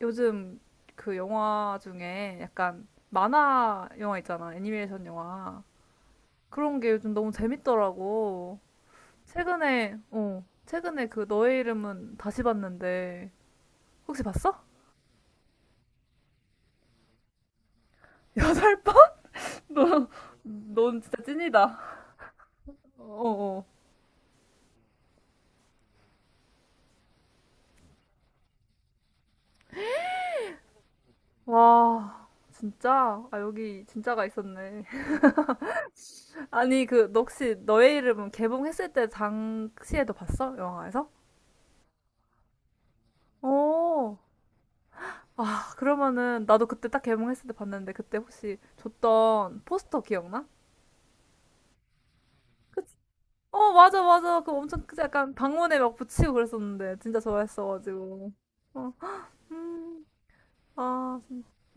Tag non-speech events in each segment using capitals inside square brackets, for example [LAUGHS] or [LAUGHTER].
요즘 그 영화 중에 약간 만화 영화 있잖아. 애니메이션 영화. 그런 게 요즘 너무 재밌더라고. 최근에 그 너의 이름은 다시 봤는데, 혹시 봤어? [LAUGHS] 여덟 번? [LAUGHS] 너, 넌 진짜 찐이다. 어어. 와, 진짜? 아, 여기 진짜가 있었네. [LAUGHS] 아니, 그, 너 혹시 너의 이름은 개봉했을 때 당시에도 봤어? 영화에서? 어. 아, 그러면은 나도 그때 딱 개봉했을 때 봤는데 그때 혹시 줬던 포스터 기억나? 어, 맞아, 맞아. 그 엄청 약간 방문에 막 붙이고 그랬었는데 진짜 좋아했어가지고. 어, 음, 아,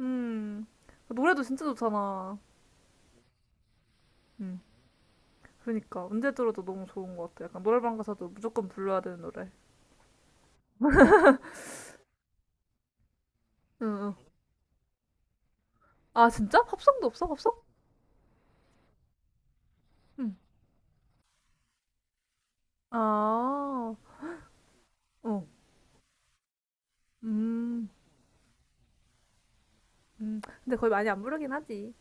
음. 그 노래도 진짜 좋잖아. 음, 그러니까 언제 들어도 너무 좋은 것 같아. 약간 노래방 가서도 무조건 불러야 되는 노래. 응, 응. 아, 진짜? 팝송도 없어? 팝송? 응. 아, 어, 음, 근데 거의 많이 안 부르긴 하지.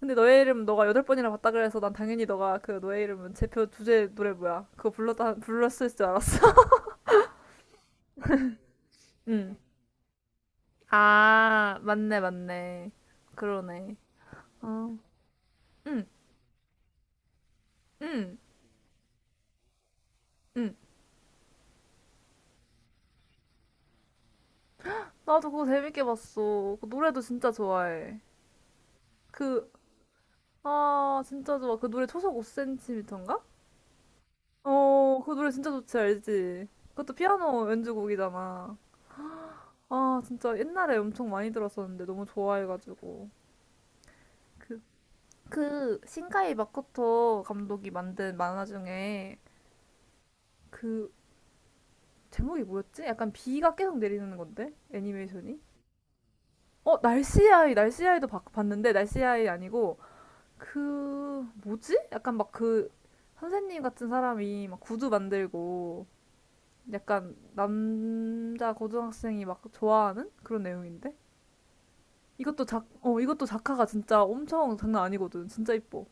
근데 너의 이름 너가 여덟 번이나 봤다 그래서 난 당연히 너가 그 너의 이름은 제표 주제 노래 뭐야? 그거 불렀다 불렀을 줄 알았어. [LAUGHS] 응. 아 맞네 맞네. 그러네. 어. 응, 응, 응. 나도 그거 재밌게 봤어. 그 노래도 진짜 좋아해. 그, 진짜 좋아. 그 노래 초속 5cm인가? 어, 그 노래 진짜 좋지, 알지? 그것도 피아노 연주곡이잖아. 아, 진짜 옛날에 엄청 많이 들었었는데 너무 좋아해가지고. 그, 그 신카이 마코토 감독이 만든 만화 중에 그 제목이 뭐였지? 약간 비가 계속 내리는 건데 애니메이션이? 어 날씨 아이 날씨 아이도 봤는데 날씨 아이 아니고 그 뭐지? 약간 막 그 선생님 같은 사람이 막 구두 만들고 약간 남자 고등학생이 막 좋아하는 그런 내용인데 이것도 작 어 이것도 작화가 진짜 엄청 장난 아니거든 진짜 이뻐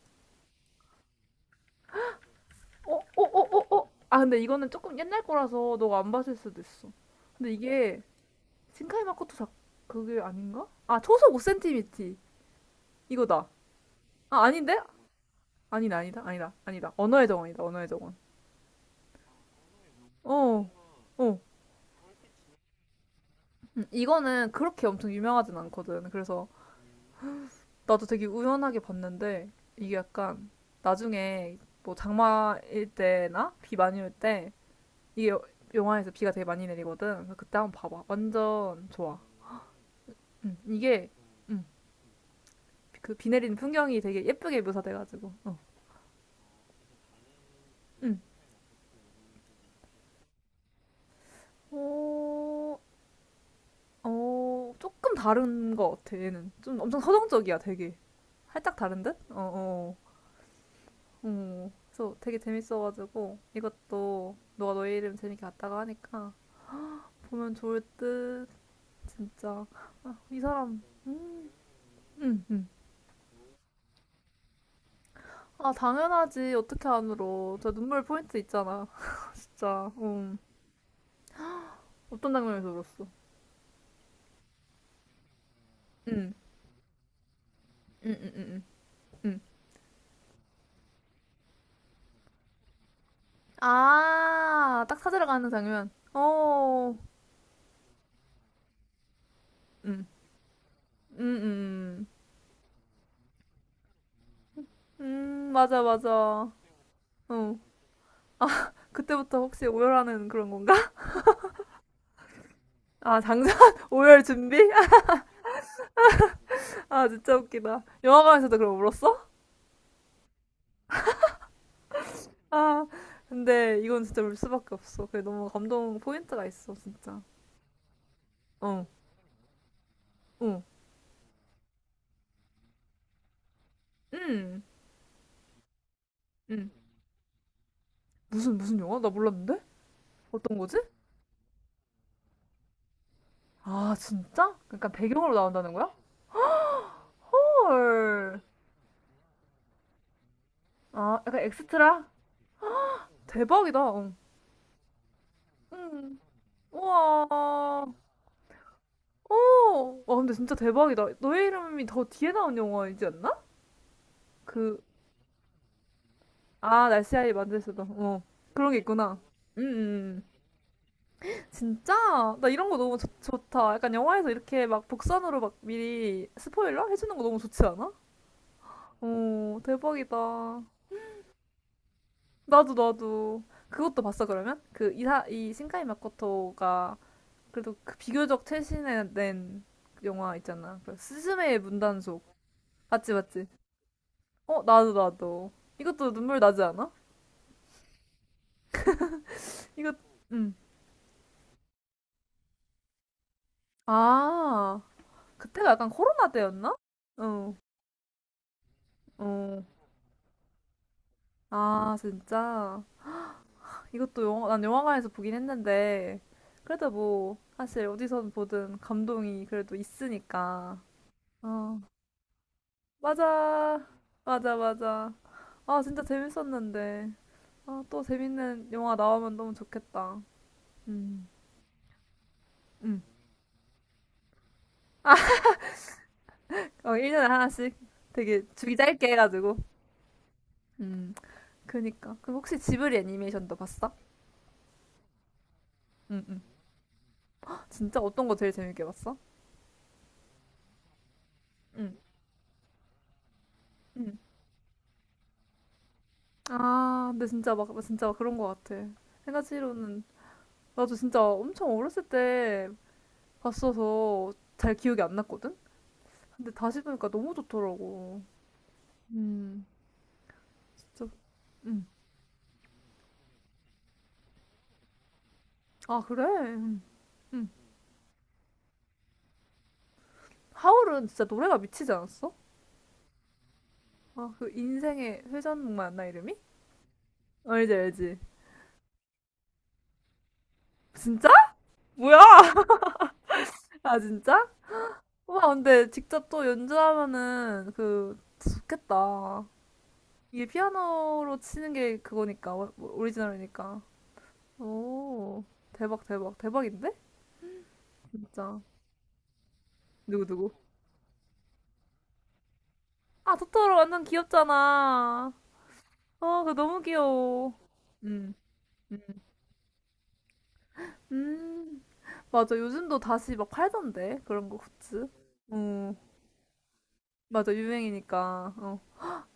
어, 어, 어, 어, 어. 아, 근데 이거는 조금 옛날 거라서 너가 안 봤을 수도 있어. 근데 이게 신카이 마코토 작 그게 아닌가? 아, 초속 5미티 이거다. 아, 아닌데? 아니다, 아니다, 아니다, 아니다. 언어의 정원이다, 언어의 정원. 어, 어. 이거는 그렇게 엄청 유명하진 않거든. 그래서 나도 되게 우연하게 봤는데 이게 약간 나중에 뭐 장마일 때나 비 많이 올 때 이게 영화에서 비가 되게 많이 내리거든. 그래서 그때 한번 봐봐. 완전 좋아. 이게 음, 그 비 내리는 풍경이 되게 예쁘게 묘사돼가지고. 음. 어, 어, 조금 다른 것 같아 얘는 좀 엄청 서정적이야 되게 살짝 다른 듯? 어어 어. 어. 그래서 되게 재밌어가지고 이것도 너가 너의 이름 재밌게 봤다고 하니까 보면 좋을 듯 진짜 아, 이 사람 응 응 아 당연하지 어떻게 안 울어 저 눈물 포인트 있잖아 [LAUGHS] 진짜 어떤 장면에서 울었어 응응응응 응. 아, 딱 찾으러 가는 장면. 어, 응 응. 응 응. 맞아, 맞아. 어, 그때부터 혹시 오열하는 그런 건가? [LAUGHS] 아, 장전 [LAUGHS] 오열 준비? [LAUGHS] 아, 진짜 웃기다. 영화관에서도 그럼 울었어? 아, 근데 이건 진짜 울 수밖에 없어. 그게 너무 감동 포인트가 있어, 진짜. 어, 어, 응. 응. 무슨, 무슨 영화? 나 몰랐는데? 어떤 거지? 아, 진짜? 그러니까 배경으로 나온다는 거야? 헐. 아, 약간 엑스트라? 대박이다. 어. 음. 우와. 오. 와, 근데 진짜 대박이다. 너의 이름이 더 뒤에 나온 영화이지 않나? 그, 날씨 아이 만들 수도. 어. 그런 게 있구나. 음. 진짜? 나 이런 거 너무 좋다. 약간 영화에서 이렇게 막 복선으로 막 미리 스포일러 해주는 거 너무 좋지 않아? 어, 대박이다. 나도, 나도. 그것도 봤어, 그러면? 이 신카이 마코토가 그래도 그 비교적 최신에 낸 영화 있잖아. 그 스즈메의 문단속. 맞지, 맞지? 어, 나도, 나도. 이것도 눈물 나지 않아? 이거, 음. 아, 그때가 약간 코로나 때였나? 어, 어. 아, 진짜. 이것도 난 영화관에서 보긴 했는데, 그래도 뭐, 사실 어디선 보든 감동이 그래도 있으니까. 어, 맞아. 맞아, 맞아. 아, 진짜 재밌었는데. 아, 또 재밌는 영화 나오면 너무 좋겠다. 음. 음. 어, 1년에 하나씩 되게 주기 짧게 해가지고. 음, 그니까. 그럼 혹시 지브리 애니메이션도 봤어? 응 응 진짜 어떤 거 제일 재밌게 봤어? 응 응 아, 근데 진짜 막, 진짜 막 그런 거 같아. 생가치로는, 나도 진짜 엄청 어렸을 때 봤어서 잘 기억이 안 났거든? 근데 다시 보니까 너무 좋더라고. 음, 진짜. 음. 아, 그래? 음. 음. 하울은 진짜 노래가 미치지 않았어? 아, 그 인생의 회전목 맞나 이름이? 아, 알지, 알지. 진짜? 뭐야? [LAUGHS] 아, 진짜? 와, 근데 직접 또 연주하면은 그 좋겠다. 이게 피아노로 치는 게 그거니까, 오리지널이니까. 오, 대박, 대박, 대박인데? 진짜. 누구, 누구? 아, 토토로 완전 귀엽잖아. 아, 그거 너무 귀여워. 음, 음, 맞아. 요즘도 다시 막 팔던데. 그런 거 굿즈. 음, 맞아. 유행이니까. 어.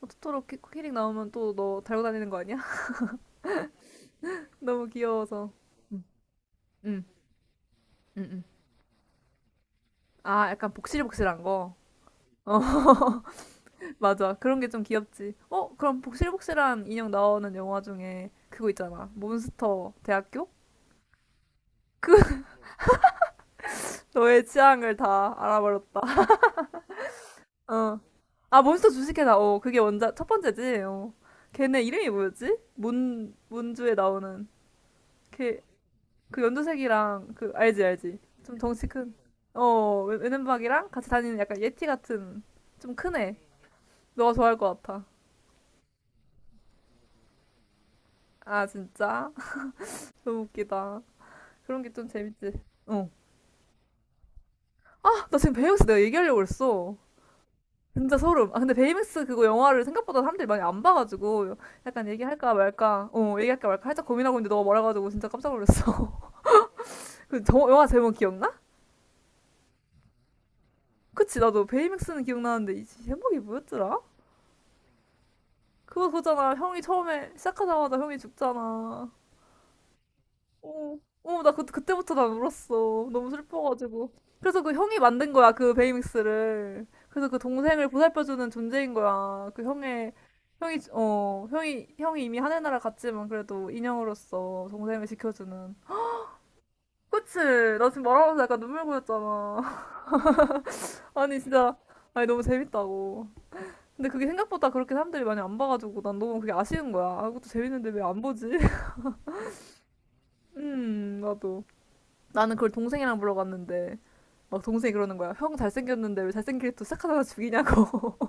토토로 키링 나오면 또 너 달고 다니는 거 아니야? [LAUGHS] 너무 귀여워서. 응, 응, 응. 아, 약간 복실복실한 거. 어, [LAUGHS] 맞아. 그런 게 좀 귀엽지. 어, 그럼 복실복실한 인형 나오는 영화 중에 그거 있잖아. 몬스터 대학교? 그, [LAUGHS] 너의 취향을 다 알아버렸다. [LAUGHS] 어. 아, 몬스터 주식회사. 어, 그게 원작, 첫 번째지. 어. 걔네 이름이 뭐였지? 문주에 나오는. 걔, 그 연두색이랑 그 알지 알지 좀 덩치 큰어 외눈박이랑 같이 다니는 약간 예티 같은 좀 큰 애 너가 좋아할 것 같아 아 진짜 [LAUGHS] 너무 웃기다 그런 게 좀 재밌지 어아나 지금 베이맥스 내가 얘기하려고 그랬어 진짜 소름 아 근데 베이맥스 그거 영화를 생각보다 사람들이 많이 안 봐가지고 약간 얘기할까 말까 얘기할까 말까 살짝 고민하고 있는데 너가 말해가지고 진짜 깜짝 놀랐어 [LAUGHS] 그 영화 제목 기억나? 그치 나도 베이맥스는 기억나는데 이 제목이 뭐였더라? 그거잖아. 형이 처음에 시작하자마자 형이 죽잖아. 어, 어, 나 그때부터 난 울었어. 너무 슬퍼가지고. 그래서 그 형이 만든 거야, 그 베이믹스를. 그래서 그 동생을 보살펴주는 존재인 거야. 그 형의, 형이 이미 하늘나라 갔지만 그래도 인형으로서 동생을 지켜주는. 그치? 나 지금 말하면서 약간 눈물 고였잖아. [LAUGHS] 아니, 진짜. 아니, 너무 재밌다고. 근데 그게 생각보다 그렇게 사람들이 많이 안 봐가지고 난 너무 그게 아쉬운 거야. 아, 그것도 재밌는데 왜 안 보지? 나도. 나는 그걸 동생이랑 보러 갔는데, 막 동생이 그러는 거야. 형 잘생겼는데 왜 잘생길 또 착하다가 죽이냐고. [LAUGHS]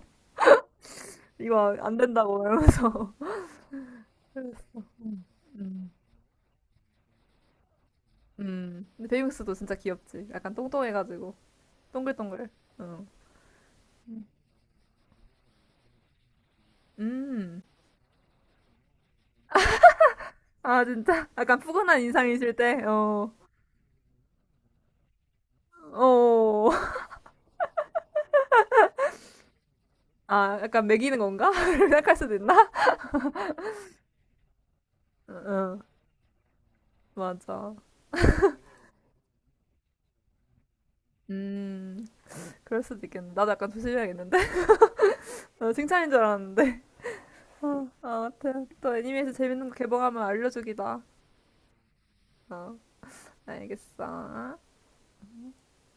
이거 안 된다고, 이러면서. 그래서, 음, 근데 베이맥스도 진짜 귀엽지. 약간 똥똥해가지고. 동글동글. 어. 음. 아, 진짜? 약간 푸근한 인상이실 때, 어, 어. [LAUGHS] 아, 약간 매기는 건가? [LAUGHS] 생각할 수도 있나? 어, 어. 맞아. 음, 그럴 수도 있겠네. 나도 약간 조심해야겠는데? [LAUGHS] 어, 칭찬인 줄 알았는데. 어, 아무튼 또 애니메이션 재밌는 거 개봉하면 알려주기다. 어, 알겠어.